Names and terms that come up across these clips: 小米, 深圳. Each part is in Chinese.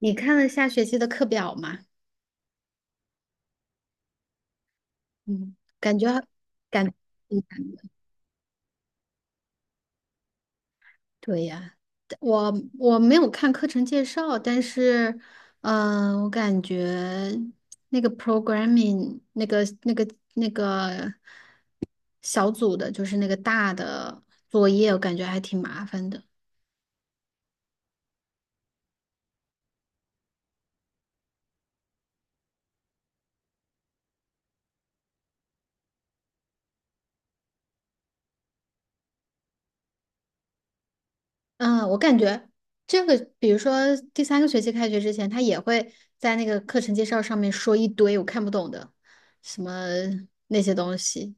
你看了下学期的课表吗？嗯，感觉感挺难的。对呀，我我没有看课程介绍，但是，我感觉那个 programming 那个小组的，就是那个大的作业，我感觉还挺麻烦的。嗯，我感觉这个，比如说第三个学期开学之前，他也会在那个课程介绍上面说一堆我看不懂的什么那些东西。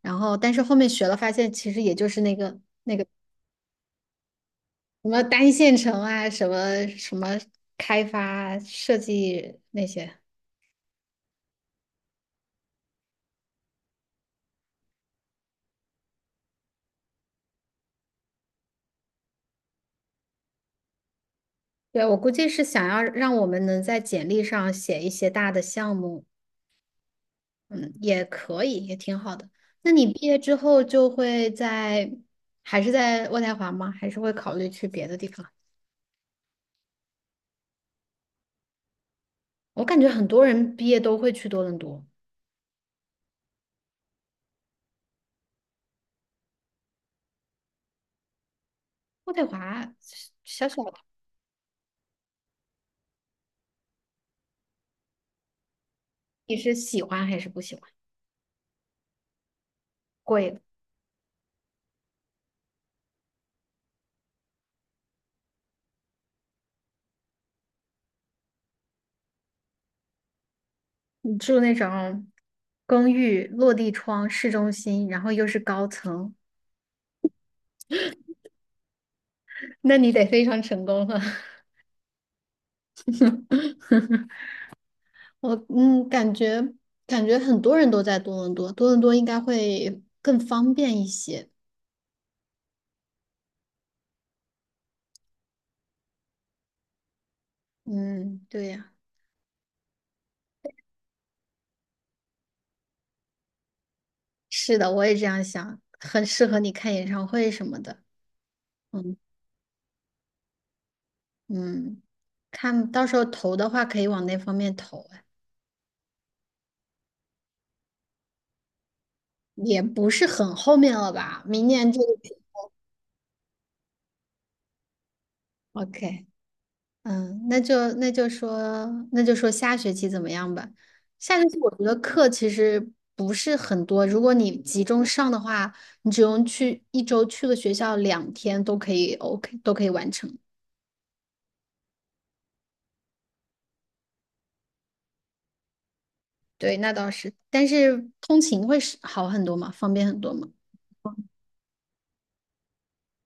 然后但是后面学了，发现其实也就是那个什么单线程啊，什么什么开发设计那些。对，我估计是想要让我们能在简历上写一些大的项目，嗯，也可以，也挺好的。那你毕业之后就会在，还是在渥太华吗？还是会考虑去别的地方？我感觉很多人毕业都会去多伦多，渥太华小小的，你是喜欢还是不喜欢？贵。住那种公寓，落地窗，市中心，然后又是高层，那你得非常成功了。我感觉很多人都在多伦多，多伦多应该会更方便一些。嗯，对呀，是的，我也这样想，很适合你看演唱会什么的。嗯，嗯，看到时候投的话，可以往那方面投啊，哎也不是很后面了吧？明年就 OK。嗯，那就说下学期怎么样吧。下学期我觉得课其实不是很多，如果你集中上的话，你只用去一周去个学校两天都可以，OK 都可以完成。对，那倒是，但是通勤会是好很多嘛，方便很多嘛。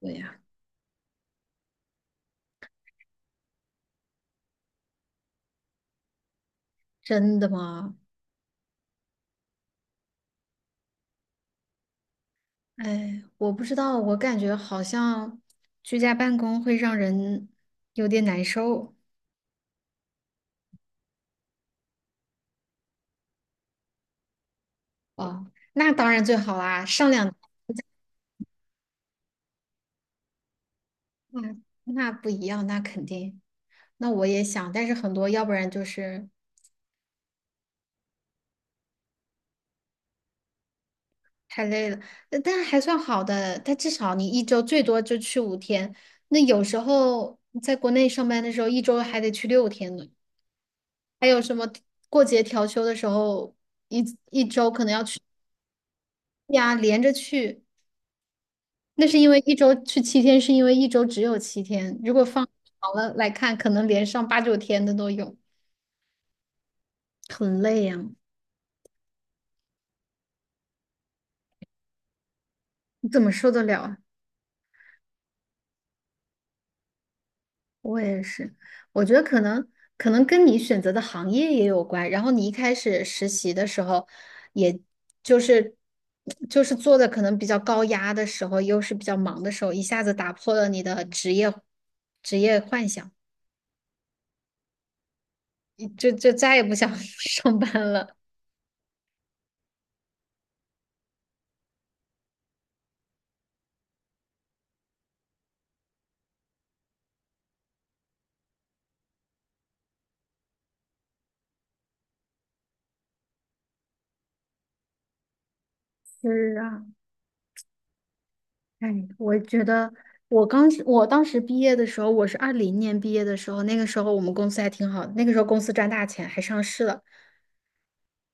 对呀，真的吗？哎，我不知道，我感觉好像居家办公会让人有点难受。哦，那当然最好啦，上两。嗯，那不一样，那肯定。那我也想，但是很多要不然就是太累了，但还算好的。但至少你一周最多就去5天，那有时候在国内上班的时候，一周还得去6天呢。还有什么过节调休的时候，一一周可能要去呀，连着去。那是因为一周去七天，是因为一周只有七天。如果放长了来看，可能连上8、9天的都有，很累呀，你怎么受得了？啊？我也是，我觉得可能跟你选择的行业也有关。然后你一开始实习的时候，也就是就是做的可能比较高压的时候，又是比较忙的时候，一下子打破了你的职业幻想，你就再也不想 上班了。是啊，哎，我觉得我当时毕业的时候，我是2020年毕业的时候，那个时候我们公司还挺好的，那个时候公司赚大钱，还上市了。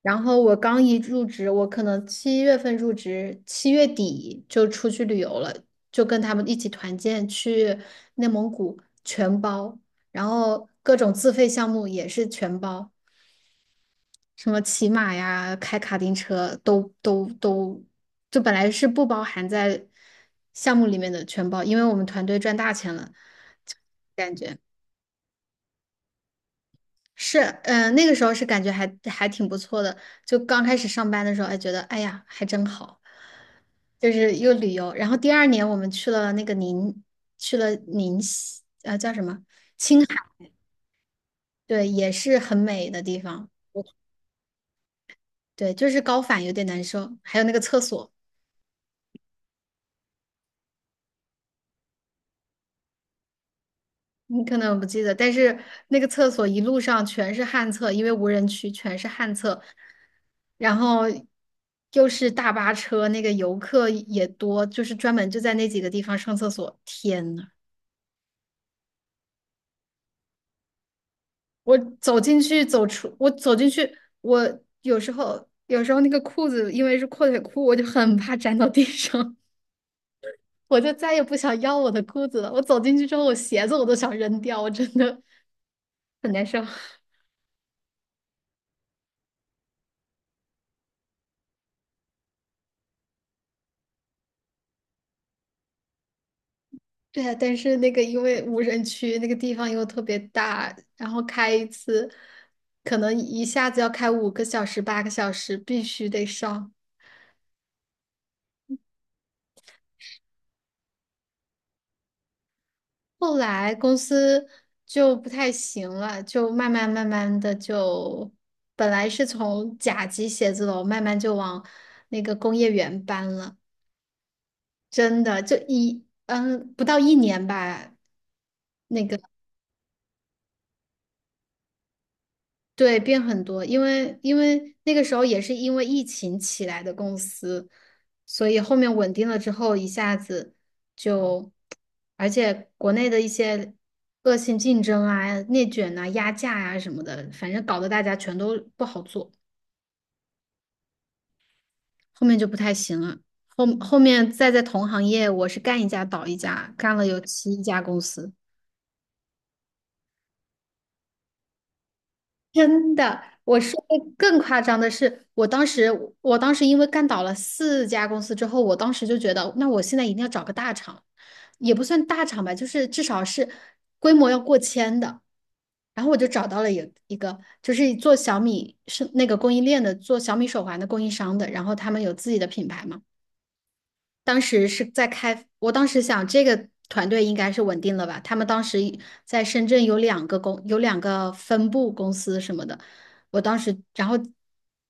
然后我刚一入职，我可能7月份入职，7月底就出去旅游了，就跟他们一起团建去内蒙古，全包，然后各种自费项目也是全包，什么骑马呀、开卡丁车都，就本来是不包含在项目里面的全包，因为我们团队赚大钱了。是，那个时候是感觉还挺不错的。就刚开始上班的时候，还觉得哎呀，还真好，就是又旅游。然后第二年我们去了那个宁，去了宁西，叫什么？青海，对，也是很美的地方。对，就是高反有点难受，还有那个厕所。你可能不记得，但是那个厕所一路上全是旱厕，因为无人区全是旱厕，然后又是大巴车，那个游客也多，就是专门就在那几个地方上厕所。天呐，我走进去，走出，我走进去，我有时候那个裤子因为是阔腿裤，我就很怕粘到地上，我就再也不想要我的裤子了。我走进去之后，我鞋子我都想扔掉，我真的很难受。对呀，但是那个因为无人区那个地方又特别大，然后开一次可能一下子要开5个小时、8个小时，必须得上。后来公司就不太行了，就慢慢慢慢的就，本来是从甲级写字楼慢慢就往那个工业园搬了，真的就不到一年吧。对，变很多，因为那个时候也是因为疫情起来的公司，所以后面稳定了之后，一下子就，而且国内的一些恶性竞争啊、内卷啊、压价啊什么的，反正搞得大家全都不好做，后面就不太行了。后面再在同行业，我是干一家倒一家，干了有7家公司。真的，我说的更夸张的是，我当时，我当时因为干倒了4家公司之后，我当时就觉得，那我现在一定要找个大厂，也不算大厂吧，就是至少是规模要过千的。然后我就找到了一个，就是做小米是那个供应链的，做小米手环的供应商的，然后他们有自己的品牌嘛。当时是在开，我当时想这个团队应该是稳定了吧？他们当时在深圳有两个公，有两个分部公司什么的。我当时，然后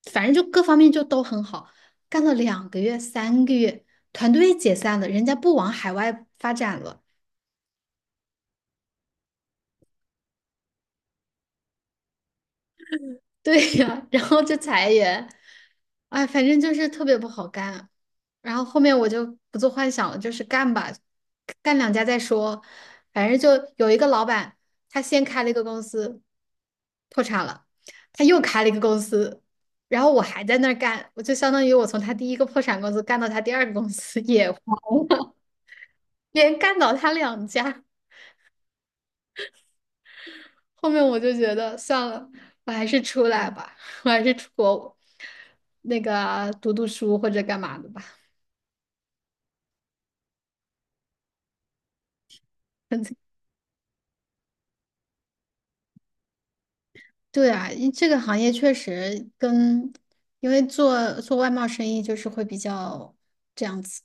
反正就各方面就都很好，干了两个月、3个月，团队解散了，人家不往海外发展了。对呀，然后就裁员，哎，反正就是特别不好干。然后后面我就不做幻想了，就是干吧，干两家再说。反正就有一个老板，他先开了一个公司，破产了，他又开了一个公司，然后我还在那儿干，我就相当于我从他第一个破产公司干到他第二个公司也黄了，连干倒他2家。后面我就觉得算了，我还是出来吧，我还是出国那个读读书或者干嘛的吧。对啊，因这个行业确实跟，因为做外贸生意就是会比较这样子，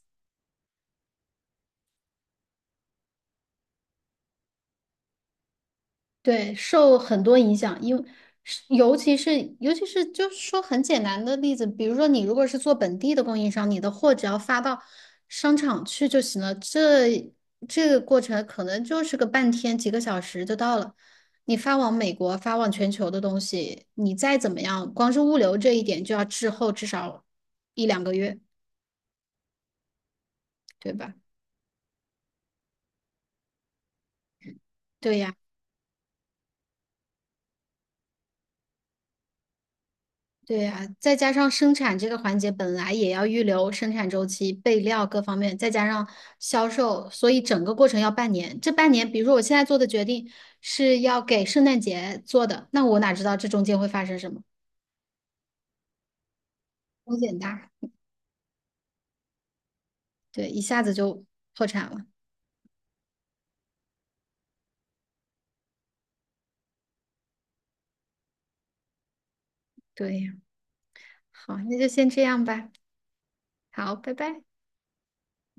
对，受很多影响，因为是尤其是就是说很简单的例子，比如说你如果是做本地的供应商，你的货只要发到商场去就行了，这个过程可能就是个半天几个小时就到了。你发往美国、发往全球的东西，你再怎么样，光是物流这一点就要滞后至少一两个月，对吧？对呀，对呀，再加上生产这个环节本来也要预留生产周期、备料各方面，再加上销售，所以整个过程要半年。这半年，比如说我现在做的决定是要给圣诞节做的，那我哪知道这中间会发生什么？风险大，对，一下子就破产了。对呀，好，那就先这样吧。好，拜拜。